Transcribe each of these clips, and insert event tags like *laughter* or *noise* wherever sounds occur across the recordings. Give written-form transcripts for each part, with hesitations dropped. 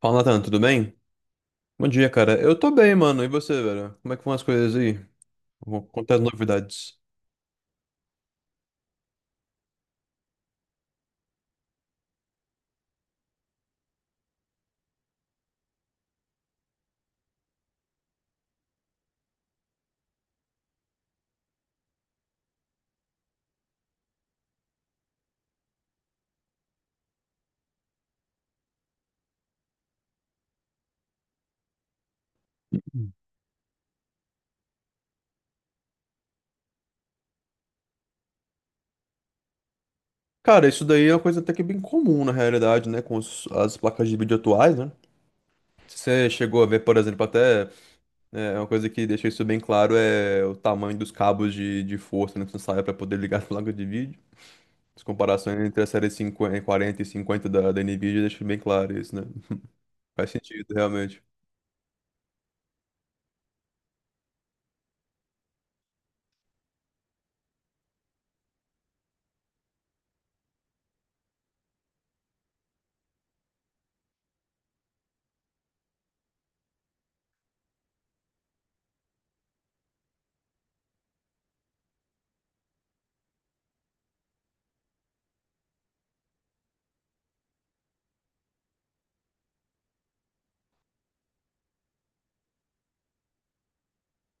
Fala, Natan, tudo bem? Bom dia, cara. Eu tô bem, mano. E você, velho? Como é que vão as coisas aí? Quanto as novidades? Cara, isso daí é uma coisa até que bem comum na realidade, né? Com as placas de vídeo atuais, né? Se você chegou a ver, por exemplo, até uma coisa que deixa isso bem claro é o tamanho dos cabos de força necessária para poder *laughs* ligar as placas de vídeo. As comparações entre a série 50, 40 e 50 da Nvidia deixam bem claro isso, né? Faz sentido, realmente.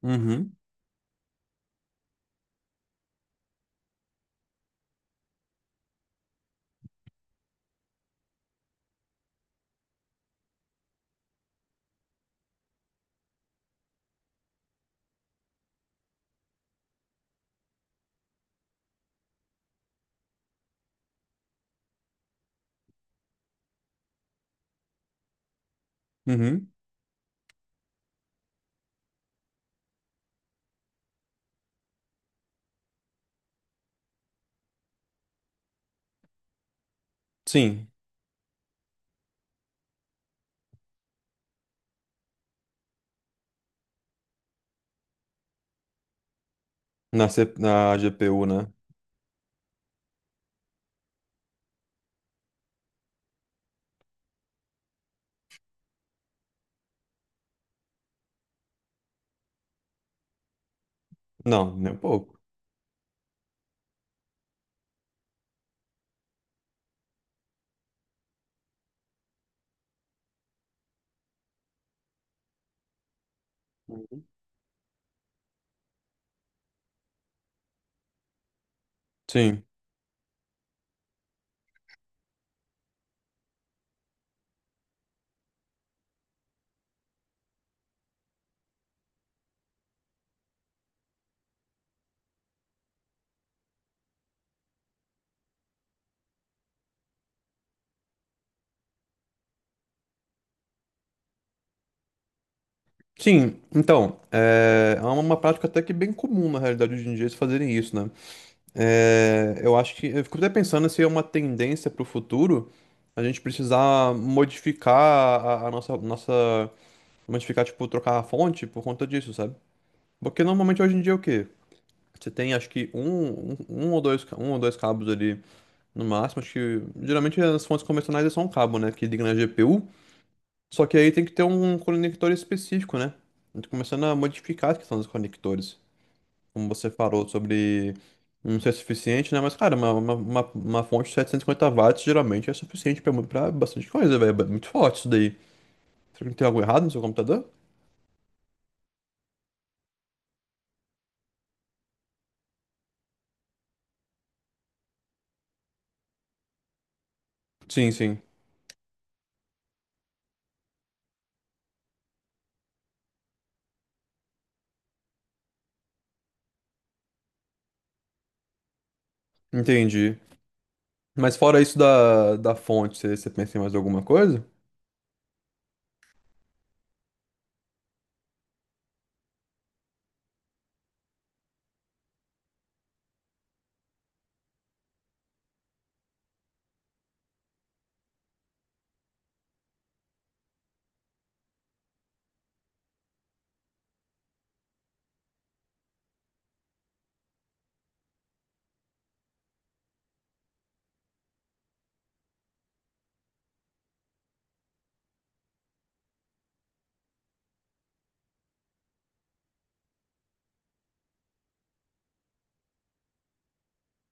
Uhum, uhum. Sim, na GPU, né? Não, nem um pouco. Uhum. Sim. Sim, então, é uma prática até que bem comum na realidade hoje em dia eles fazerem isso, né? É, eu fico até pensando se é uma tendência para o futuro a gente precisar modificar a nossa modificar, tipo, trocar a fonte por conta disso, sabe? Porque normalmente hoje em dia é o quê? Você tem, acho que, um ou dois, um ou dois cabos ali no máximo, acho que, geralmente as fontes convencionais é só um cabo, né, que liga na GPU. Só que aí tem que ter um conector específico, né? Eu tô começando a modificar a questão dos conectores. Como você falou sobre não ser suficiente, né? Mas, cara, uma fonte de 750 watts geralmente é suficiente pra, pra bastante coisa, velho. É muito forte isso daí. Será que tem algo errado no seu computador? Sim, sim. Entendi. Mas fora isso da fonte, você pensa em mais alguma coisa?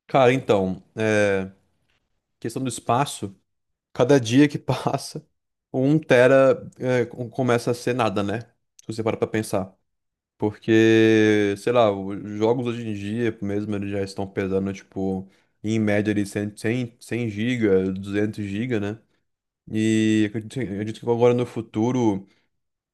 Cara, então, é, questão do espaço. Cada dia que passa, um tera é, começa a ser nada, né? Se você para pra pensar. Porque, sei lá, os jogos hoje em dia mesmo, eles já estão pesando, tipo, em média ali 100, 100, 100 giga, 200 giga, né? E acredito que agora no futuro,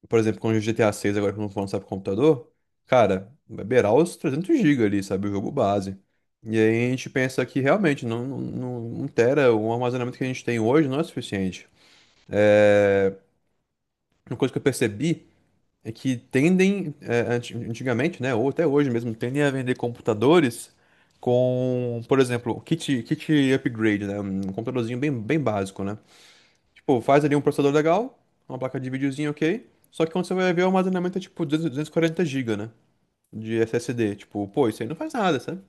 por exemplo, com o GTA seis agora que não for lançar pro computador, cara, vai beirar os 300 giga ali, sabe? O jogo base. E aí a gente pensa que realmente não, não, não, um tera, o armazenamento que a gente tem hoje não é suficiente. É, uma coisa que eu percebi é que tendem, é, antigamente, né, ou até hoje mesmo, tendem a vender computadores com, por exemplo, kit upgrade, né, um computadorzinho bem básico, né? Tipo, faz ali um processador legal, uma placa de videozinho ok, só que quando você vai ver o armazenamento é tipo 200 quarenta gigas, né, de SSD. Tipo, pô, isso aí não faz nada, sabe?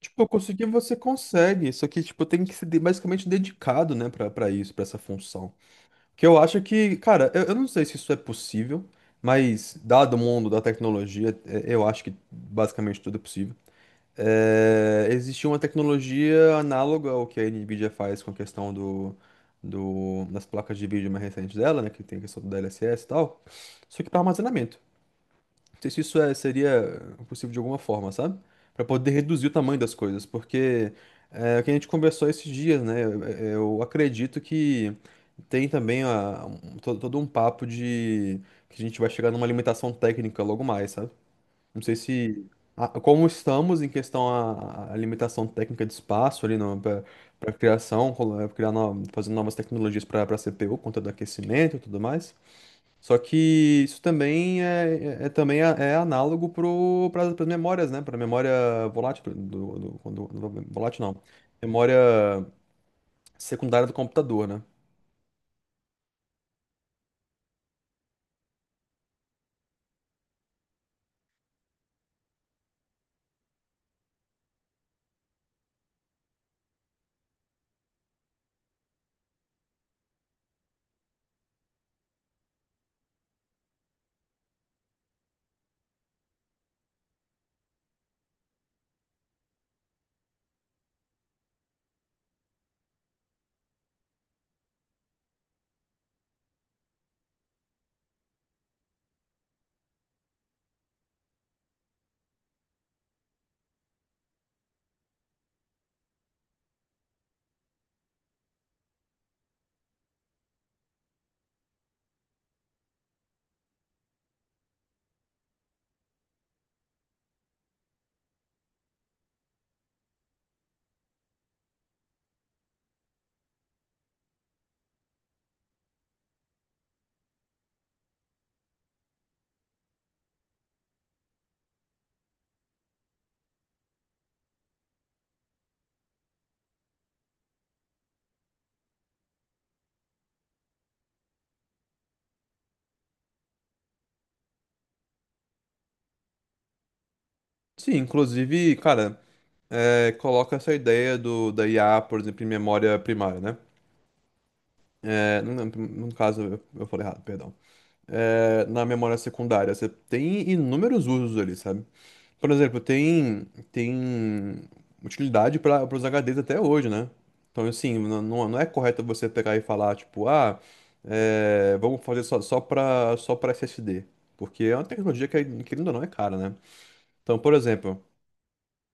Tipo, conseguir você consegue, só que tipo, tem que ser basicamente dedicado, né, pra, pra isso, pra essa função. Que eu acho que, cara, eu não sei se isso é possível, mas dado o mundo da tecnologia, é, eu acho que basicamente tudo é possível. É, existe uma tecnologia análoga ao que a Nvidia faz com a questão das placas de vídeo mais recentes dela, né? Que tem a questão do DLSS e tal. Só que para armazenamento. Não sei se isso é, seria possível de alguma forma, sabe? Para poder reduzir o tamanho das coisas, porque é, o que a gente conversou esses dias, né? Eu acredito que. Tem também todo um papo de que a gente vai chegar numa limitação técnica logo mais, sabe? Não sei se. Como estamos em questão à à limitação técnica de espaço ali para criação, criar fazendo novas tecnologias para CPU, conta do aquecimento e tudo mais. Só que isso também é, é também é análogo para as memórias, né? Para memória volátil, volátil não. Memória secundária do computador, né? Sim, inclusive, cara, é, coloca essa ideia da IA, por exemplo, em memória primária, né? É, no caso, eu falei errado, perdão. É, na memória secundária, você tem inúmeros usos ali, sabe? Por exemplo, tem utilidade para os HDs até hoje, né? Então, assim, não, não não é correto você pegar e falar, tipo, ah, é, vamos fazer só para SSD. Porque é uma tecnologia que, é, querendo ou não, é cara, né? Então, por exemplo.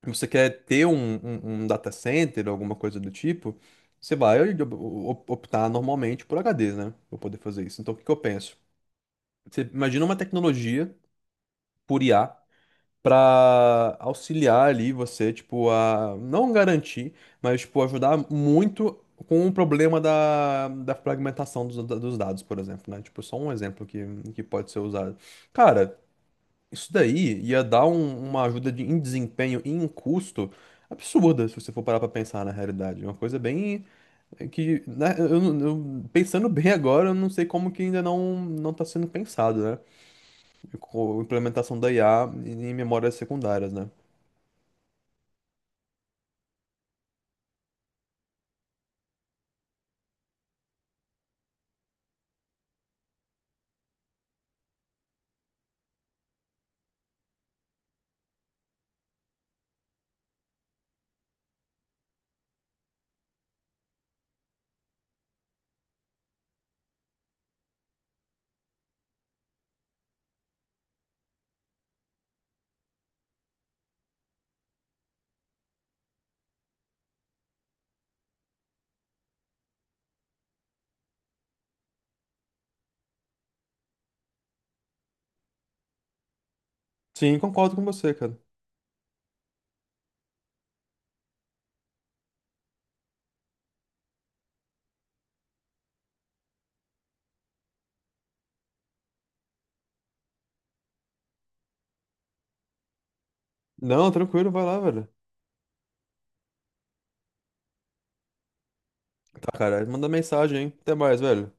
Você quer ter um data center, alguma coisa do tipo, você vai optar normalmente por HDs, né? Para poder fazer isso. Então, o que que eu penso? Você imagina uma tecnologia por IA para auxiliar ali você, tipo, a não garantir, mas, tipo, ajudar muito com o problema da fragmentação dos dados, por exemplo, né? Tipo, só um exemplo que pode ser usado. Cara, isso daí ia dar uma ajuda de, em desempenho e em custo absurda, se você for parar pra pensar na realidade. Uma coisa bem é, que, né, eu, não- eu- pensando bem agora, eu não sei como que ainda não não está sendo pensado, né? Com a implementação da IA em memórias secundárias, né? Sim, concordo com você, cara. Não, tranquilo, vai lá, velho. Tá, cara, manda mensagem, hein? Até mais, velho.